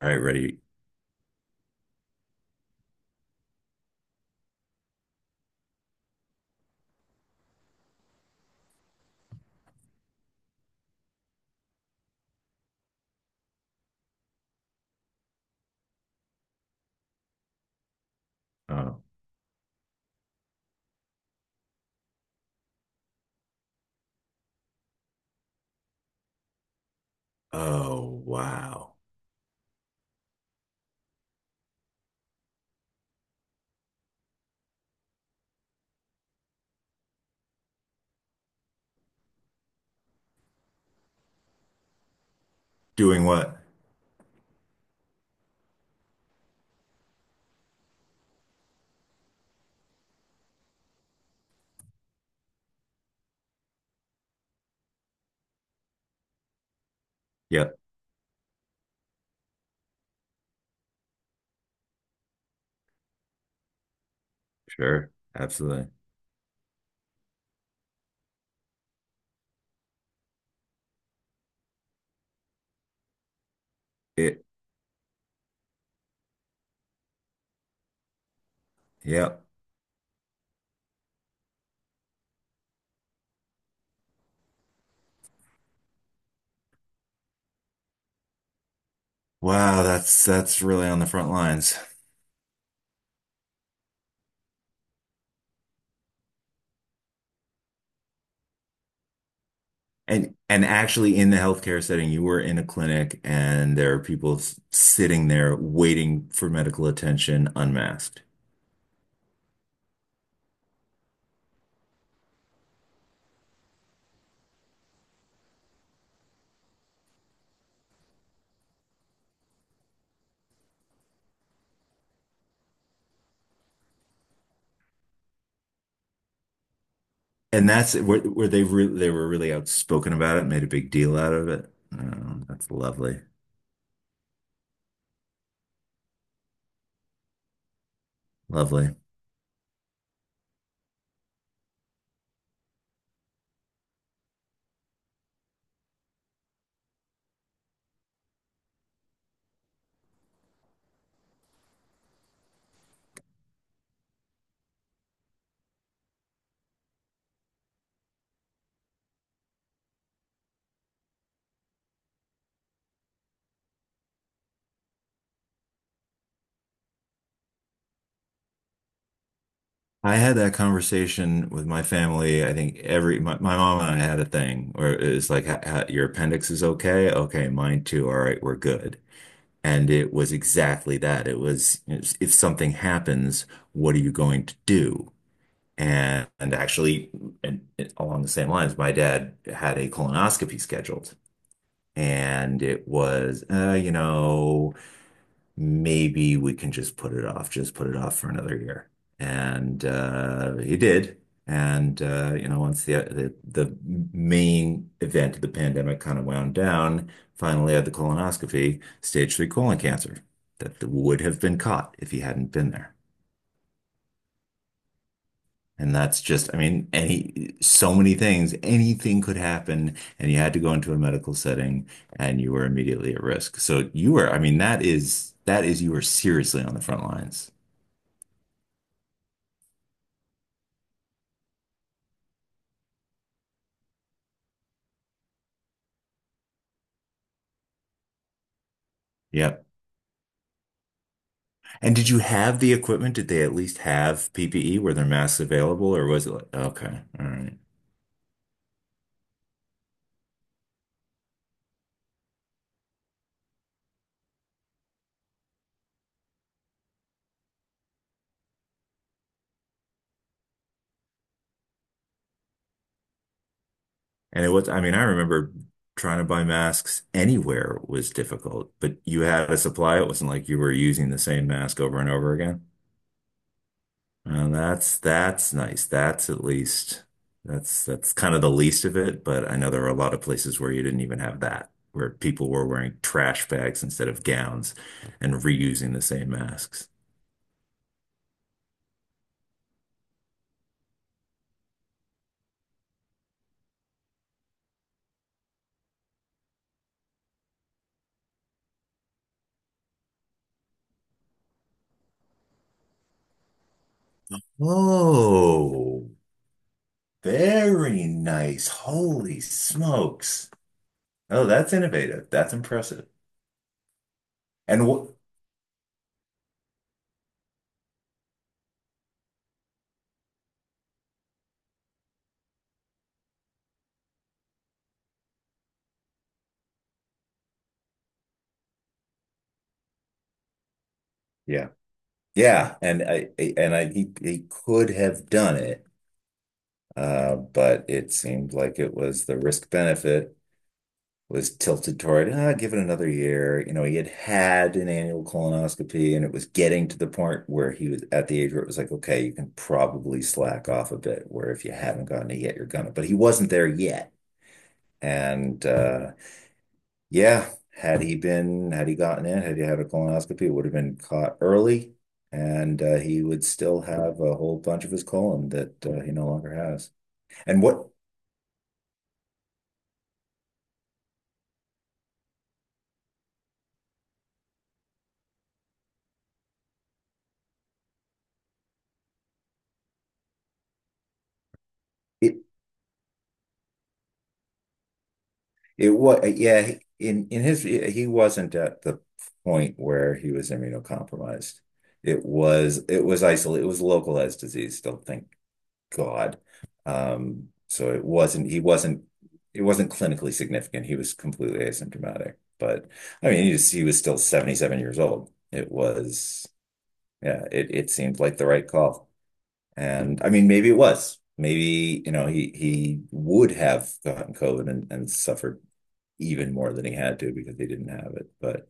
All right, ready. Uh, oh, wow. Doing what? Yep, sure. Absolutely. It, yep. Wow, that's really on the front lines. And actually in the healthcare setting, you were in a clinic and there are people sitting there waiting for medical attention unmasked. And that's where, they were really outspoken about it, made a big deal out of it. Oh, that's lovely. Lovely. I had that conversation with my family. I think my mom and I had a thing where it's like, ha, ha, your appendix is okay. Okay, mine too. All right, we're good. And it was exactly that. It was if something happens, what are you going to do? And actually, along the same lines, my dad had a colonoscopy scheduled, and it was, you know, maybe we can just put it off, just put it off for another year. And he did. And you know, once the, the main event of the pandemic kind of wound down, finally had the colonoscopy, stage three colon cancer that would have been caught if he hadn't been there. And that's just, I mean, any so many things, anything could happen, and you had to go into a medical setting, and you were immediately at risk. So you were, I mean, that is you were seriously on the front lines. Yep. And did you have the equipment? Did they at least have PPE? Were there masks available, or was it like, okay, all right. And it was, I mean, I remember trying to buy masks anywhere was difficult, but you had a supply. It wasn't like you were using the same mask over and over again. And that's nice. That's at least that's kind of the least of it, but I know there were a lot of places where you didn't even have that, where people were wearing trash bags instead of gowns and reusing the same masks. Oh. Very nice. Holy smokes. Oh, that's innovative. That's impressive. And what, yeah, yeah. And he could have done it, but it seemed like it was the risk benefit was tilted toward, ah, give it another year. You know, he had had an annual colonoscopy and it was getting to the point where he was at the age where it was like, okay, you can probably slack off a bit, where if you haven't gotten it yet, you're gonna, but he wasn't there yet. And, yeah, had he gotten in, had he had a colonoscopy, it would have been caught early, and he would still have a whole bunch of his colon that he no longer has. And what it it was, yeah, in his he wasn't at the point where he was immunocompromised. It was isolated, it was localized disease. Don't think God. So it wasn't clinically significant. He was completely asymptomatic. But I mean, he was still 77 years old. It was yeah, it seemed like the right call. And I mean, maybe it was. Maybe, you know, he would have gotten COVID and suffered even more than he had to because he didn't have it. But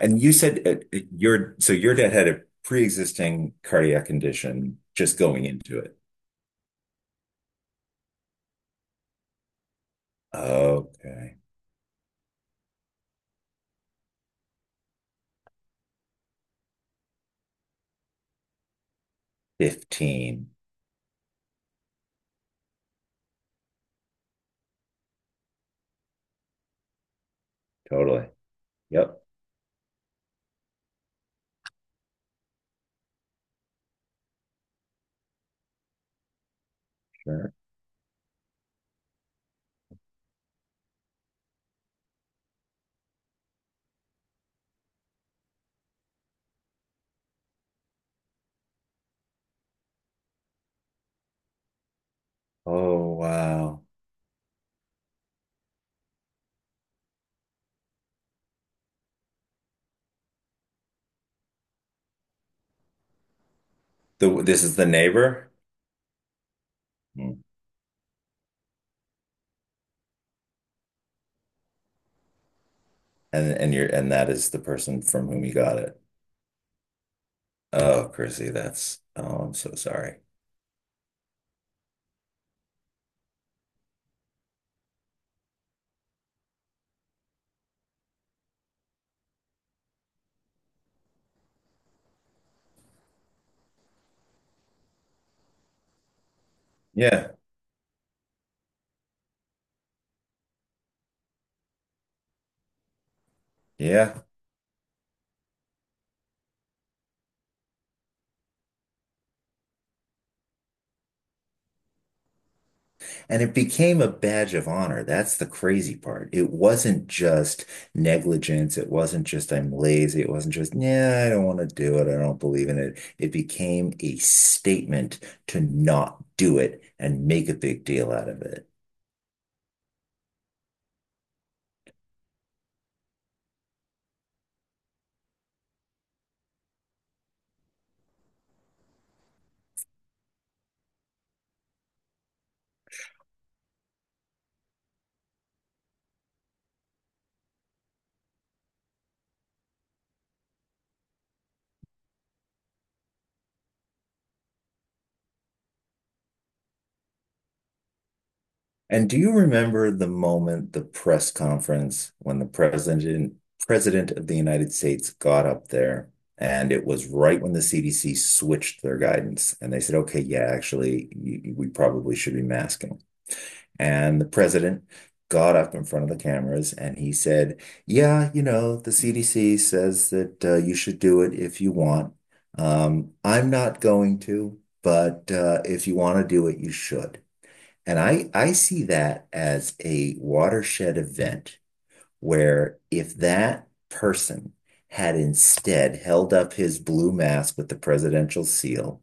and you said your dad had a pre-existing cardiac condition just going into it. Okay. 15. Totally. Yep. Sure. Oh, wow. The, this is the neighbor? Hmm. And you're and that is the person from whom you got it. Oh, Chrissy, that's oh, I'm so sorry. Yeah. Yeah. And it became a badge of honor. That's the crazy part. It wasn't just negligence. It wasn't just I'm lazy. It wasn't just, yeah, I don't want to do it. I don't believe in it. It became a statement to not do it and make a big deal out of it. And do you remember the moment, the press conference, when the president of the United States got up there, and it was right when the CDC switched their guidance, and they said, "Okay, yeah, actually, y we probably should be masking." And the president got up in front of the cameras and he said, "Yeah, you know, the CDC says that you should do it if you want. I'm not going to, but if you want to do it, you should." And I see that as a watershed event where if that person had instead held up his blue mask with the presidential seal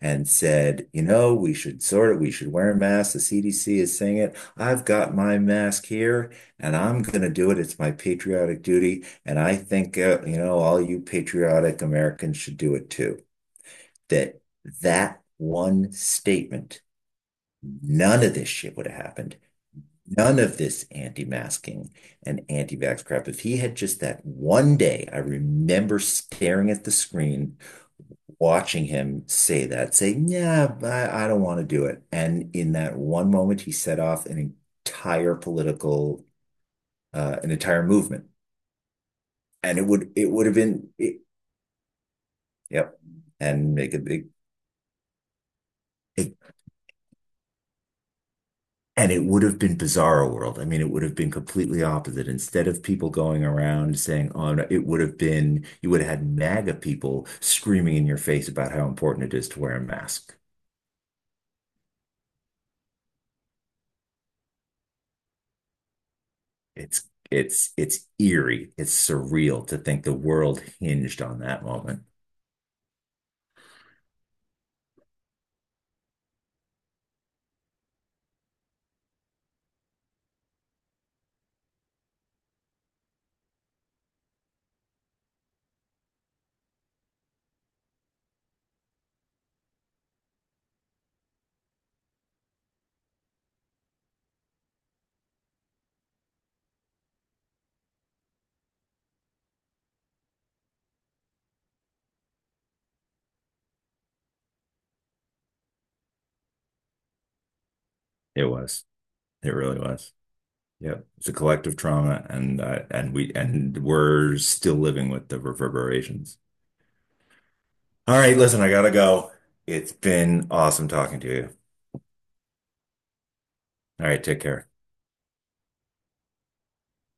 and said, you know, we should wear a mask. The CDC is saying it. I've got my mask here and I'm going to do it. It's my patriotic duty. And I think, you know, all you patriotic Americans should do it too. That that one statement, none of this shit would have happened. None of this anti-masking and anti-vax crap. If he had just that one day, I remember staring at the screen, watching him say that, say, "Yeah, I don't want to do it." And in that one moment, he set off entire political, an entire movement, and it would have been, it, yep, and make a big. It And it would have been bizarro world. I mean, it would have been completely opposite. Instead of people going around saying, "Oh," no," it would have been you would have had MAGA people screaming in your face about how important it is to wear a mask. It's it's eerie. It's surreal to think the world hinged on that moment. It was. It really was. Yep. It's a collective trauma, and we and we're still living with the reverberations. All right, listen, I gotta go. It's been awesome talking to you. All right, take care.